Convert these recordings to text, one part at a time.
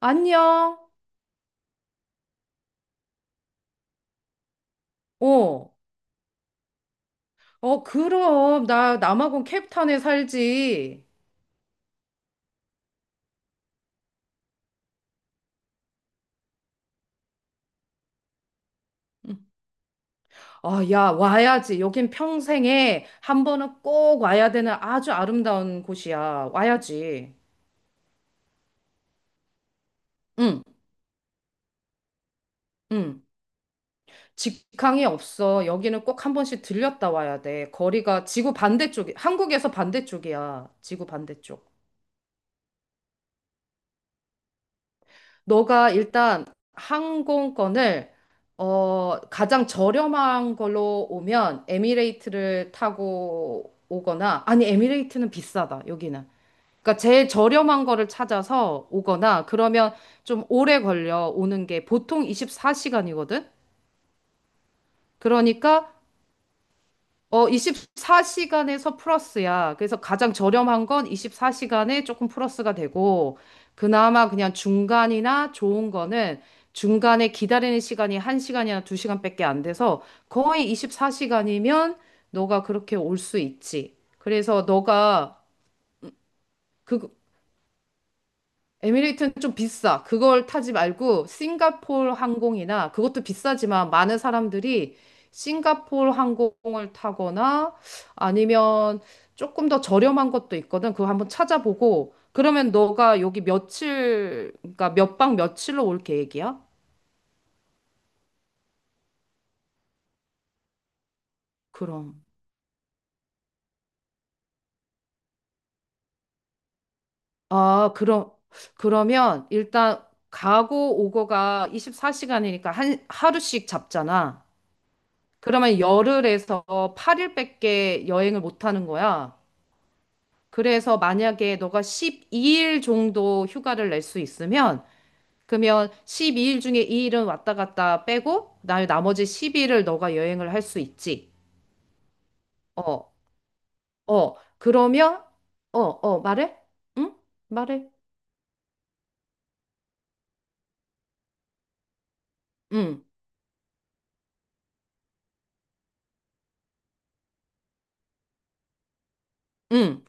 안녕. 어. 어, 그럼. 나 남아공 캡탄에 살지. 응. 아, 야, 와야지. 여긴 평생에 한 번은 꼭 와야 되는 아주 아름다운 곳이야. 와야지. 응, 응. 직항이 없어. 여기는 꼭 한 번씩 들렸다 와야 돼. 거리가 지구 반대쪽이, 한국에서 반대쪽이야. 지구 반대쪽. 너가 일단 항공권을 가장 저렴한 걸로 오면 에미레이트를 타고 오거나 아니 에미레이트는 비싸다 여기는. 그러니까 제일 저렴한 거를 찾아서 오거나 그러면 좀 오래 걸려 오는 게 보통 24시간이거든. 그러니까 24시간에서 플러스야. 그래서 가장 저렴한 건 24시간에 조금 플러스가 되고, 그나마 그냥 중간이나 좋은 거는 중간에 기다리는 시간이 1시간이나 2시간밖에 안 돼서 거의 24시간이면 너가 그렇게 올 수 있지. 그래서 너가 그 에미레이트는 좀 비싸. 그걸 타지 말고 싱가포르 항공이나 그것도 비싸지만 많은 사람들이 싱가포르 항공을 타거나 아니면 조금 더 저렴한 것도 있거든. 그거 한번 찾아보고 그러면 너가 여기 며칠 그러니까 몇 박 며칠로 올 계획이야? 그럼. 아, 그럼 그러면 일단 가고 오고가 24시간이니까 한 하루씩 잡잖아. 그러면 열흘에서 8일밖에 여행을 못 하는 거야. 그래서 만약에 너가 12일 정도 휴가를 낼 수 있으면, 그러면 12일 중에 이 일은 왔다 갔다 빼고, 나 나머지 10일을 너가 여행을 할 수 있지. 어, 어, 그러면, 어, 어, 말해? 응? 말해? 응, 응.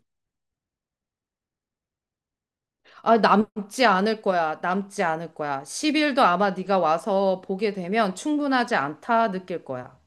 아, 남지 않을 거야. 남지 않을 거야. 10일도 아마 네가 와서 보게 되면 충분하지 않다 느낄 거야.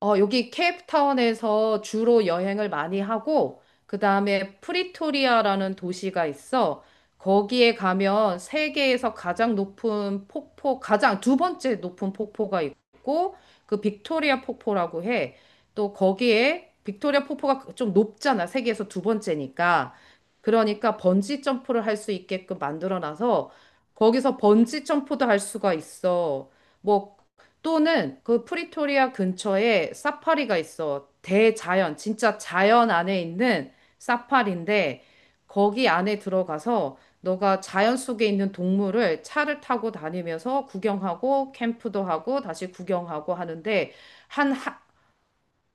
여기 케이프타운에서 주로 여행을 많이 하고, 그 다음에 프리토리아라는 도시가 있어. 거기에 가면 세계에서 가장 높은 폭포, 가장 두 번째 높은 폭포가 있고, 그 빅토리아 폭포라고 해. 또 거기에 빅토리아 폭포가 좀 높잖아. 세계에서 두 번째니까. 그러니까 번지 점프를 할 수 있게끔 만들어 놔서 거기서 번지 점프도 할 수가 있어. 뭐 또는 그 프리토리아 근처에 사파리가 있어. 대자연, 진짜 자연 안에 있는 사파리인데 거기 안에 들어가서 너가 자연 속에 있는 동물을 차를 타고 다니면서 구경하고 캠프도 하고 다시 구경하고 하는데 한,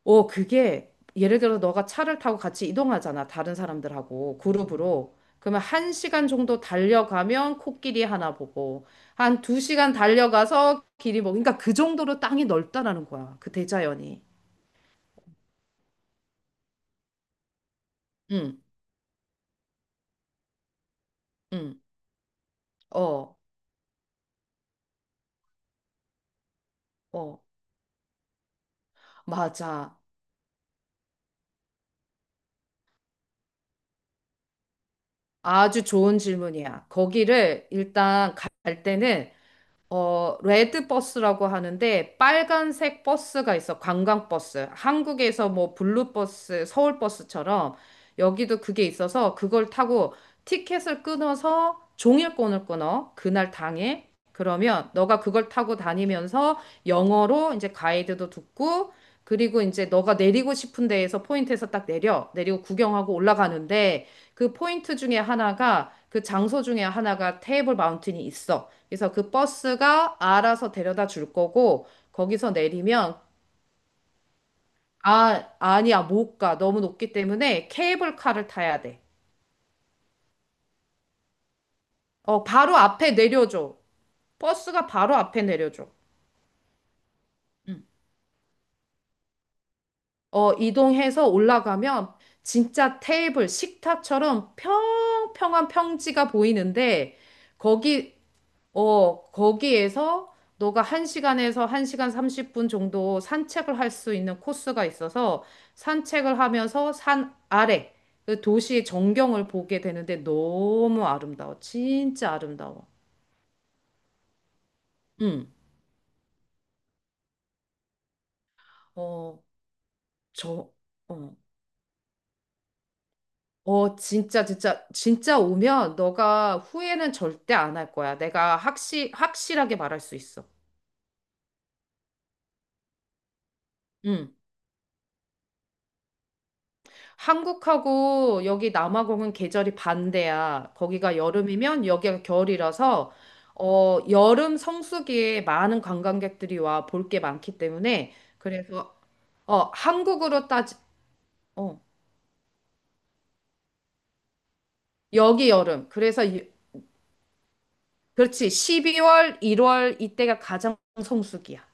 그게 예를 들어 너가 차를 타고 같이 이동하잖아. 다른 사람들하고 그룹으로. 그러면 한 시간 정도 달려가면 코끼리 하나 보고 한 두 시간 달려가서 길이 뭐 그러니까 그 정도로 땅이 넓다라는 거야. 그 대자연이. 응, 응. 어, 어. 맞아. 아주 좋은 질문이야. 거기를 일단 갈 때는 레드 버스라고 하는데 빨간색 버스가 있어. 관광 버스. 한국에서 뭐 블루 버스, 서울 버스처럼 여기도 그게 있어서 그걸 타고 티켓을 끊어서 종일권을 끊어. 그날 당일. 그러면 너가 그걸 타고 다니면서 영어로 이제 가이드도 듣고 그리고 이제 너가 내리고 싶은 데에서 포인트에서 딱 내려. 내리고 구경하고 올라가는데 그 포인트 중에 하나가 그 장소 중에 하나가 테이블 마운틴이 있어. 그래서 그 버스가 알아서 데려다 줄 거고, 거기서 내리면, 아, 아니야, 못 가. 너무 높기 때문에 케이블카를 타야 돼. 어, 바로 앞에 내려줘. 버스가 바로 앞에 내려줘. 어, 이동해서 올라가면 진짜 테이블, 식탁처럼 평평한 평지가 보이는데, 거기 거기에서 너가 1시간에서 1시간 30분 정도 산책을 할 수 있는 코스가 있어서 산책을 하면서 산 아래 그 도시의 전경을 보게 되는데 너무 아름다워. 진짜 아름다워. 응. 어, 저, 어. 어, 진짜, 진짜, 진짜 오면 너가 후회는 절대 안 할 거야. 내가 확실하게 말할 수 있어. 응. 한국하고 여기 남아공은 계절이 반대야. 거기가 여름이면 여기가 겨울이라서 여름 성수기에 많은 관광객들이 와 볼 게 많기 때문에 그래서 어, 한국으로 따지 어, 여기 여름. 그래서 그렇지. 12월, 1월 이때가 가장 성수기야.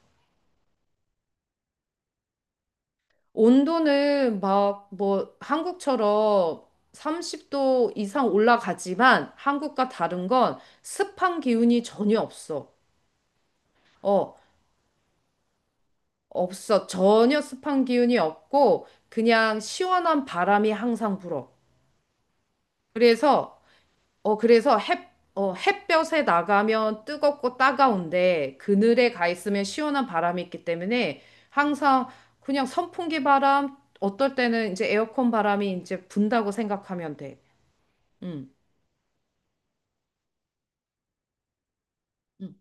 온도는 막 뭐 한국처럼 30도 이상 올라가지만 한국과 다른 건 습한 기운이 전혀 없어. 어, 없어. 전혀 습한 기운이 없고 그냥 시원한 바람이 항상 불어. 그래서 햇볕에 나가면 뜨겁고 따가운데 그늘에 가 있으면 시원한 바람이 있기 때문에 항상 그냥 선풍기 바람 어떨 때는 이제 에어컨 바람이 이제 분다고 생각하면 돼. 음. 음.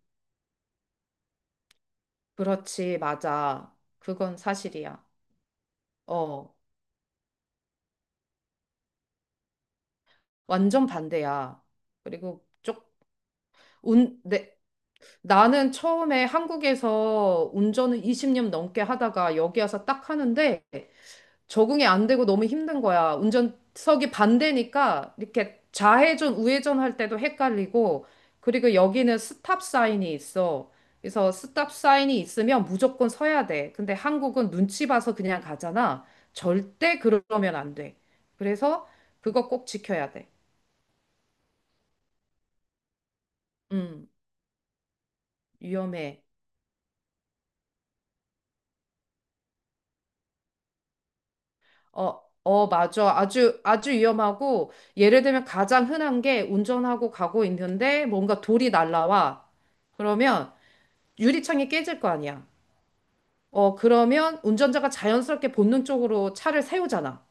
그렇지. 맞아. 그건 사실이야. 어. 완전 반대야. 그리고 운, 내, 나는 처음에 한국에서 운전을 20년 넘게 하다가 여기 와서 딱 하는데 적응이 안 되고 너무 힘든 거야. 운전석이 반대니까 이렇게 좌회전, 우회전 할 때도 헷갈리고 그리고 여기는 스탑 사인이 있어. 그래서 스탑 사인이 있으면 무조건 서야 돼. 근데 한국은 눈치 봐서 그냥 가잖아. 절대 그러면 안 돼. 그래서 그거 꼭 지켜야 돼. 음, 위험해. 어, 어, 맞아. 아주, 아주 위험하고, 예를 들면 가장 흔한 게 운전하고 가고 있는데 뭔가 돌이 날라와. 그러면 유리창이 깨질 거 아니야. 그러면 운전자가 자연스럽게 본능적으로 차를 세우잖아.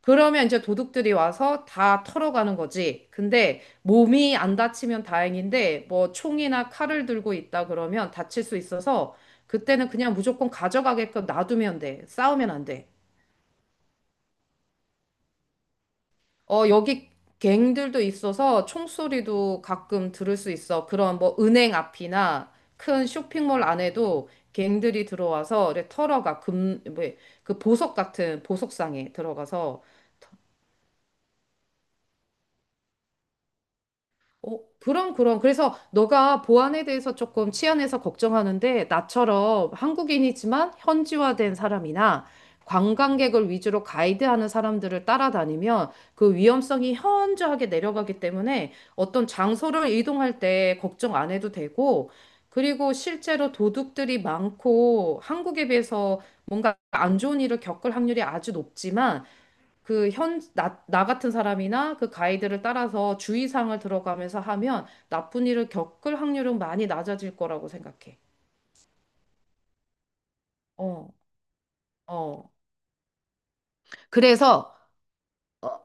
그러면 이제 도둑들이 와서 다 털어가는 거지. 근데 몸이 안 다치면 다행인데, 뭐 총이나 칼을 들고 있다 그러면 다칠 수 있어서 그때는 그냥 무조건 가져가게끔 놔두면 돼. 싸우면 안 돼. 어, 여기 갱들도 있어서 총소리도 가끔 들을 수 있어. 그런 뭐 은행 앞이나 큰 쇼핑몰 안에도 갱들이 들어와서 이렇게 털어가 금, 뭐, 그 보석 같은 보석상에 들어가서 어, 그럼, 그럼. 그래서 너가 보안에 대해서 조금 치안에서 걱정하는데, 나처럼 한국인이지만 현지화된 사람이나 관광객을 위주로 가이드하는 사람들을 따라다니면 그 위험성이 현저하게 내려가기 때문에 어떤 장소를 이동할 때 걱정 안 해도 되고, 그리고 실제로 도둑들이 많고 한국에 비해서 뭔가 안 좋은 일을 겪을 확률이 아주 높지만 나 같은 사람이나 그 가이드를 따라서 주의사항을 들어가면서 하면 나쁜 일을 겪을 확률은 많이 낮아질 거라고 생각해. 어, 어. 그래서, 어,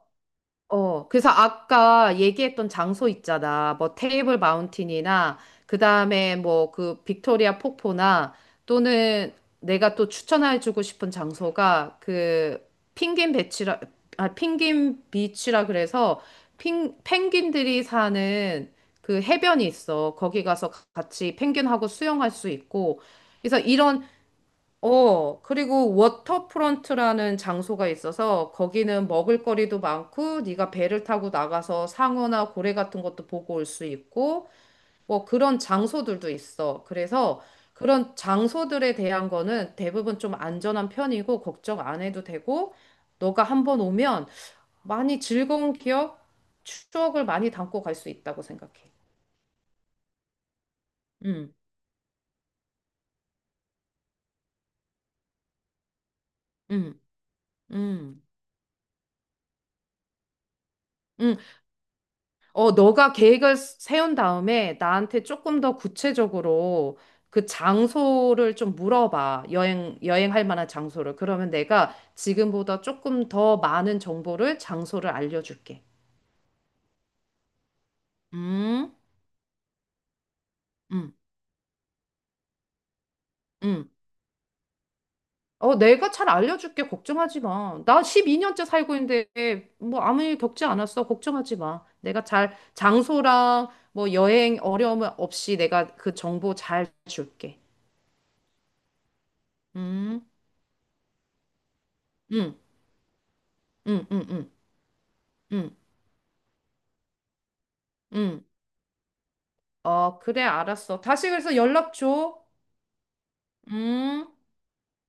그래서 아까 얘기했던 장소 있잖아. 뭐 테이블 마운틴이나 그다음에 뭐 그 빅토리아 폭포나 또는 내가 또 추천해주고 싶은 장소가 그 펭귄 배치라 아 펭귄 비치라 그래서 펭 펭귄들이 사는 그 해변이 있어. 거기 가서 같이 펭귄하고 수영할 수 있고. 그래서 그리고 워터프론트라는 장소가 있어서 거기는 먹을거리도 많고 네가 배를 타고 나가서 상어나 고래 같은 것도 보고 올 수 있고 뭐 그런 장소들도 있어. 그래서 그런 장소들에 대한 거는 대부분 좀 안전한 편이고 걱정 안 해도 되고 너가 한번 오면 많이 즐거운 기억, 추억을 많이 담고 갈 수 있다고 생각해. 음, 음, 음, 음. 어, 너가 계획을 세운 다음에 나한테 조금 더 구체적으로 그 장소를 좀 물어봐. 여행할 만한 장소를. 그러면 내가 지금보다 조금 더 많은 정보를, 장소를 알려줄게. 음, 음, 음. 어, 내가 잘 알려줄게. 걱정하지 마. 나 12년째 살고 있는데 뭐 아무 일 겪지 않았어. 걱정하지 마. 내가 잘 장소랑 뭐 여행 어려움 없이 내가 그 정보 잘 줄게. 음, 음, 음, 음, 음. 음. 응. 어, 그래, 알았어. 다시 그래서 연락 줘. 음.